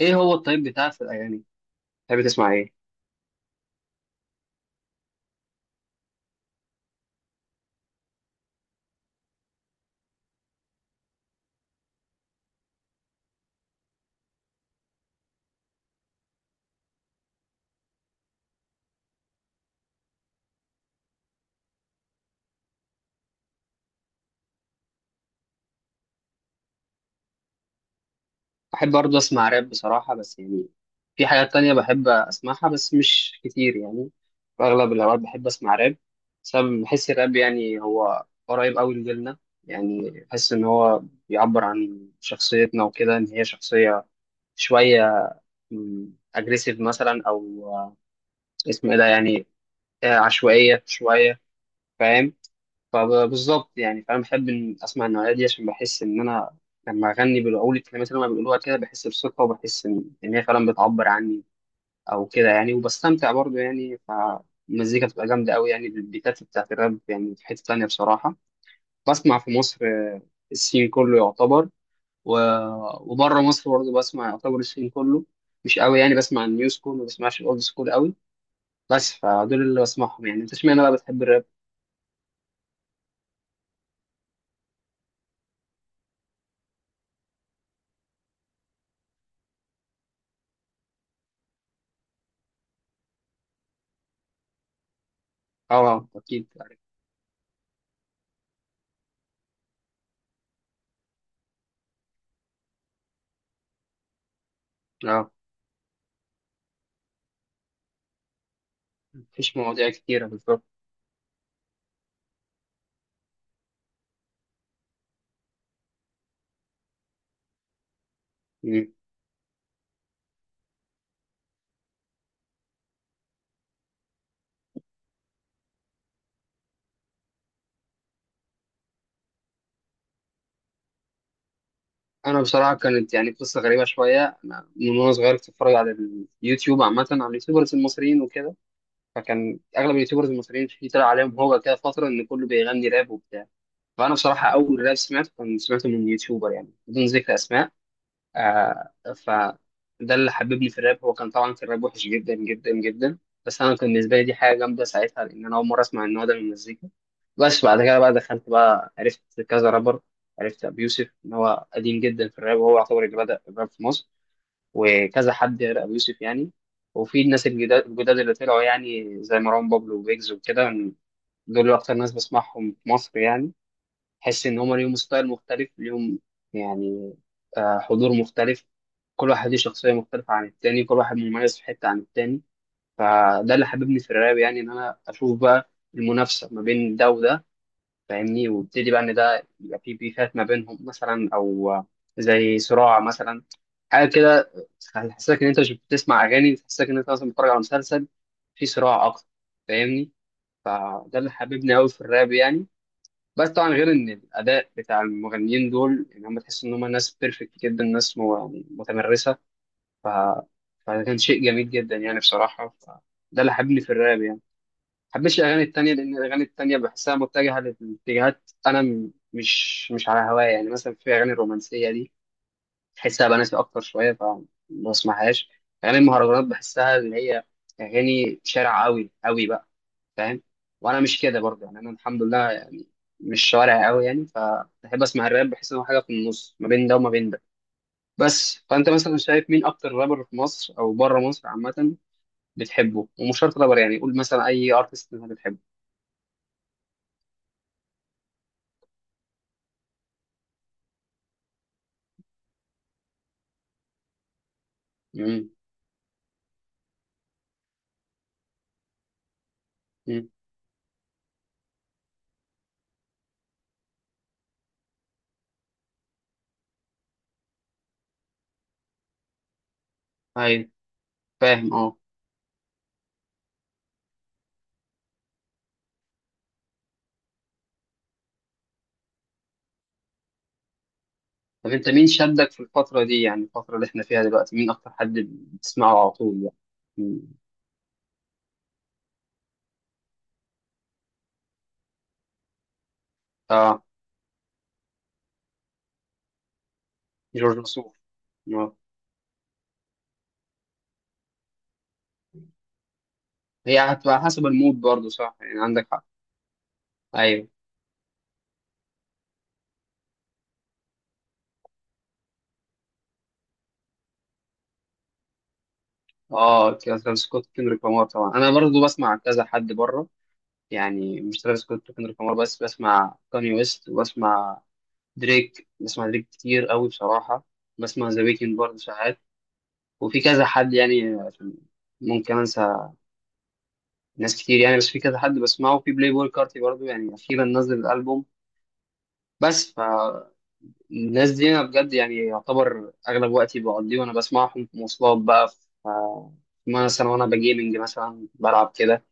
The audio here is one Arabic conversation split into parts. ايه هو الطيب بتاعك في الاغاني؟ بتحب تسمع ايه؟ بحب برضه اسمع راب بصراحه، بس يعني في حاجات تانية بحب اسمعها بس مش كتير يعني. في اغلب الاوقات بحب اسمع راب. بسبب بحس الراب يعني هو قريب قوي لجيلنا. يعني بحس ان هو بيعبر عن شخصيتنا وكده، ان هي شخصيه شويه اجريسيف مثلا او اسمه ايه ده يعني عشوائيه شويه. فاهم. فبالظبط يعني، فانا بحب إن اسمع النوعيه دي عشان بحس ان انا لما اغني بالاول الكلمات اللي هم بيقولوها كده بحس بثقه وبحس ان هي فعلا بتعبر عني. او كده يعني، وبستمتع برضو يعني. فالمزيكا بتبقى جامده قوي يعني، البيتات بتاعت الراب. يعني في حته تانيه بصراحه بسمع في مصر السين كله يعتبر و... وبره مصر برضو بسمع يعتبر السين كله. مش قوي يعني، بسمع النيو سكول ما بسمعش الاولد سكول قوي. بس فدول اللي بسمعهم يعني. انت اشمعنى بقى بتحب الراب؟ اه، اكيد عارف. اه، مفيش مواضيع كتيرة بالظبط. مم. أنا بصراحة كانت يعني قصة غريبة شوية. أنا من وأنا صغير كنت بتفرج على اليوتيوب عامة، على اليوتيوبرز المصريين وكده. فكان أغلب اليوتيوبرز المصريين في، طلع عليهم هو كده فترة إن كله بيغني راب وبتاع. فأنا بصراحة أول راب سمعته كان سمعته من يوتيوبر يعني بدون ذكر أسماء آه فده اللي حببني في الراب. هو كان طبعا، كان الراب وحش جدا جدا جدا. بس انا كان بالنسبه لي دي حاجه جامده ساعتها، لان انا اول مره اسمع النوع ده من المزيكا. بس بعد كده بقى، دخلت بقى عرفت كذا رابر. عرفت ابو يوسف ان هو قديم جدا في الراب، وهو يعتبر اللي بدا الراب في مصر. وكذا حد غير ابو يوسف يعني. وفي الناس الجداد الجداد اللي طلعوا يعني، زي مروان بابلو وبيجز وكده. دول اكتر ناس بسمعهم في مصر يعني. تحس ان هما ليهم ستايل مختلف ليهم يعني، حضور مختلف. كل واحد ليه شخصية مختلفة عن التاني، كل واحد مميز في حتة عن التاني. فده اللي حببني في الراب يعني، ان انا اشوف بقى المنافسة ما بين ده وده. فاهمني؟ وابتدي بقى ان ده يبقى في بيفات ما بينهم مثلا او زي صراع مثلا، حاجة كده. تحسسك ان انت مش بتسمع اغاني، تحسسك ان انت مثلا بتتفرج على مسلسل. في صراع اكتر. فاهمني؟ فده اللي حببني قوي في الراب يعني. بس طبعا غير ان الاداء بتاع المغنيين دول، ان هم تحس ان هم ناس بيرفكت جدا، ناس يعني متمرسه. ف... فده كان شيء جميل جدا يعني بصراحه. ده اللي حببني في الراب يعني. ما حبيتش الاغاني التانيه، لان الاغاني التانيه بحسها متجهه لاتجاهات انا مش على هوايا يعني. مثلا في اغاني الرومانسيه دي بحسها بناتي اكتر شويه، فما بسمعهاش. اغاني المهرجانات بحسها اللي هي اغاني شارع قوي قوي بقى، فاهم؟ وانا مش كده برضه يعني، انا الحمد لله يعني، مش شوارع قوي يعني. فبحب اسمع الراب، بحس ان هو حاجه في النص ما بين ده وما بين ده. بس فانت مثلا شايف مين اكتر رابر في مصر او بره مصر عامه بتحبه؟ ومش شرط رابر يعني، قول مثلا اي ارتست انت بتحبه. امم، امم ايوه فاهم اه. طب انت مين شدك في الفتره دي يعني الفتره اللي احنا فيها دلوقتي، مين اكتر حد بتسمعه على طول يعني؟ مم. اه، جورج وسوف. آه. هي هتبقى حسب المود برضه، صح يعني، عندك حق. ايوه. اه، ترافيس سكوت وكندريك لامار طبعا. انا برضو بسمع كذا حد بره يعني، مش ترافيس سكوت وكندريك لامار بس. بسمع كاني ويست، وبسمع دريك. بسمع دريك كتير قوي بصراحه. بسمع ذا ويكند برضه ساعات. وفي كذا حد يعني، عشان ممكن انسى ناس كتير يعني. بس في كذا حد بسمعه، في بلاي بوي كارتي برضه، يعني اخيرا نزل الالبوم. بس فالناس دي انا بجد يعني، يعتبر اغلب وقتي بقضيه وانا بسمعهم. في مواصلات بقى، في آه، مثلا وانا بجيمنج مثلا بلعب كده.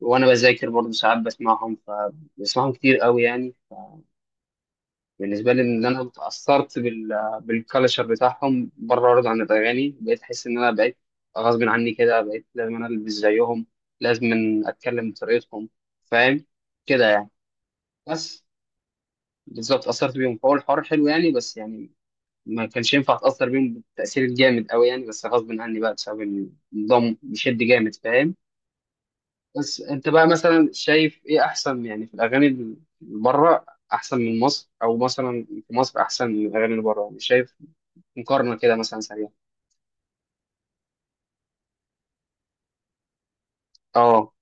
وانا بذاكر برضه ساعات بسمعهم، فبسمعهم كتير قوي يعني. بالنسبه لي ان انا اتاثرت بالكالتشر بتاعهم بره، وارد عن الاغاني بقيت احس ان انا بقيت غصب عني كده، بقيت لازم انا البس زيهم، لازم اتكلم بطريقتهم، فاهم كده يعني. بس بالظبط اتاثرت بيهم، فهو الحوار حلو يعني بس يعني. ما كانش ينفع اتاثر بيهم بالتاثير الجامد قوي يعني، بس غصب عني بقى بسبب النظام بيشد جامد، فاهم؟ بس انت بقى مثلا شايف ايه احسن يعني؟ في الاغاني اللي بره احسن من مصر، او مثلا في مصر احسن من الاغاني اللي بره؟ يعني شايف مقارنه كده مثلا سريعه. اه.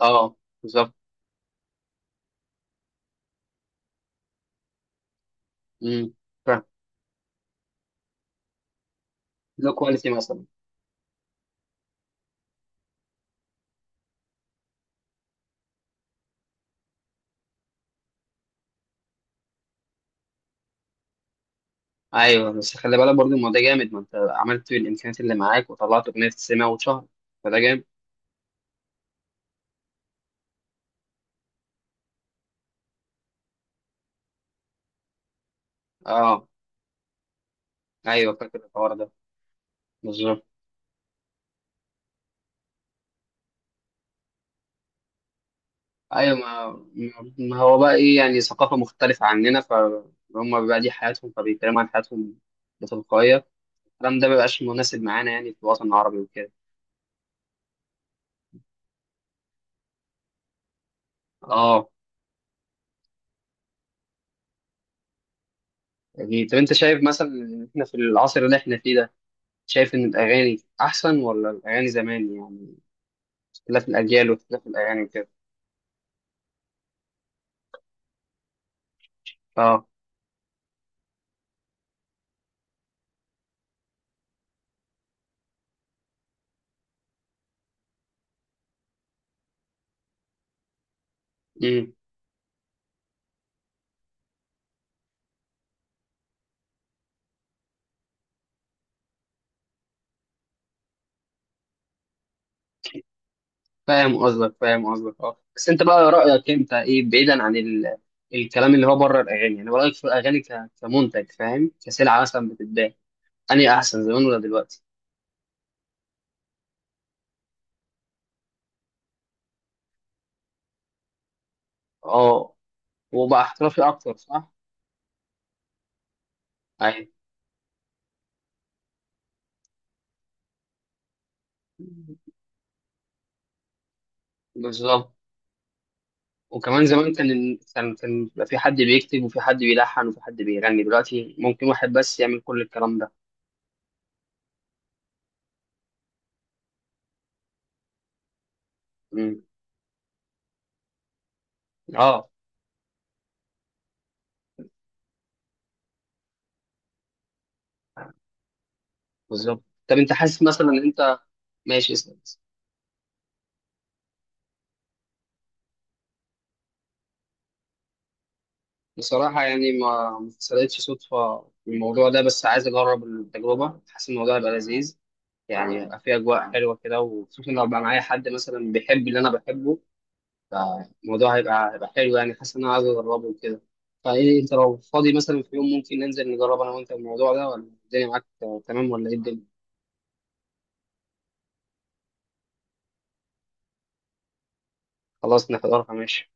اه بالظبط. امم، فاهم. لو كواليتي مثلا. ايوه، بس خلي بالك برضو الموضوع ده جامد. ما انت عملت بالامكانيات اللي معاك وطلعت اغنيه تسمع واتشهر، فده جامد. اه ايوه فاكر الحوار ده، بالظبط. ايوه. ما هو بقى ايه يعني، ثقافه مختلفه عننا، فهم بقى دي حياتهم، فبيتكلموا عن حياتهم بتلقائيه. الكلام ده مبيبقاش مناسب معانا يعني، في الوطن العربي وكده. اه. يعني طب انت شايف مثلا ان احنا في العصر اللي احنا فيه ده، شايف ان الاغاني احسن ولا الاغاني زمان يعني، اختلاف الاجيال واختلاف الاغاني وكده؟ اه. امم فاهم قصدك، فاهم قصدك اه. بس انت بقى رايك انت ايه بعيدا عن الكلام اللي هو بره الاغاني، يعني رايك في الاغاني كمنتج، فاهم، كسلعه مثلا بتتباع؟ انهي احسن زمان ولا دلوقتي؟ اه، وبقى احترافي اكتر، صح؟ ايوه بالظبط. وكمان زمان كان بيبقى في حد بيكتب، وفي حد بيلحن، وفي حد بيغني. دلوقتي ممكن واحد بس يعمل كل الكلام ده. امم. اه بالظبط. طب انت حاسس مثلا ان انت، ماشي اسأل. بصراحة يعني ما حصلتش صدفة في الموضوع ده، بس عايز أجرب التجربة، حاسس الموضوع هيبقى لذيذ. يعني هيبقى فيه أجواء حلوة كده، وخصوصا لو بقى معايا حد مثلا بيحب اللي أنا بحبه. الموضوع هيبقى حلو يعني، حاسس ان انا عايز اجربه وكده. فايه انت لو فاضي مثلا في يوم ممكن ننزل نجرب انا وانت الموضوع ده؟ ولا الدنيا معاك تمام ولا ايه الدنيا؟ خلاص نحضرها، ماشي.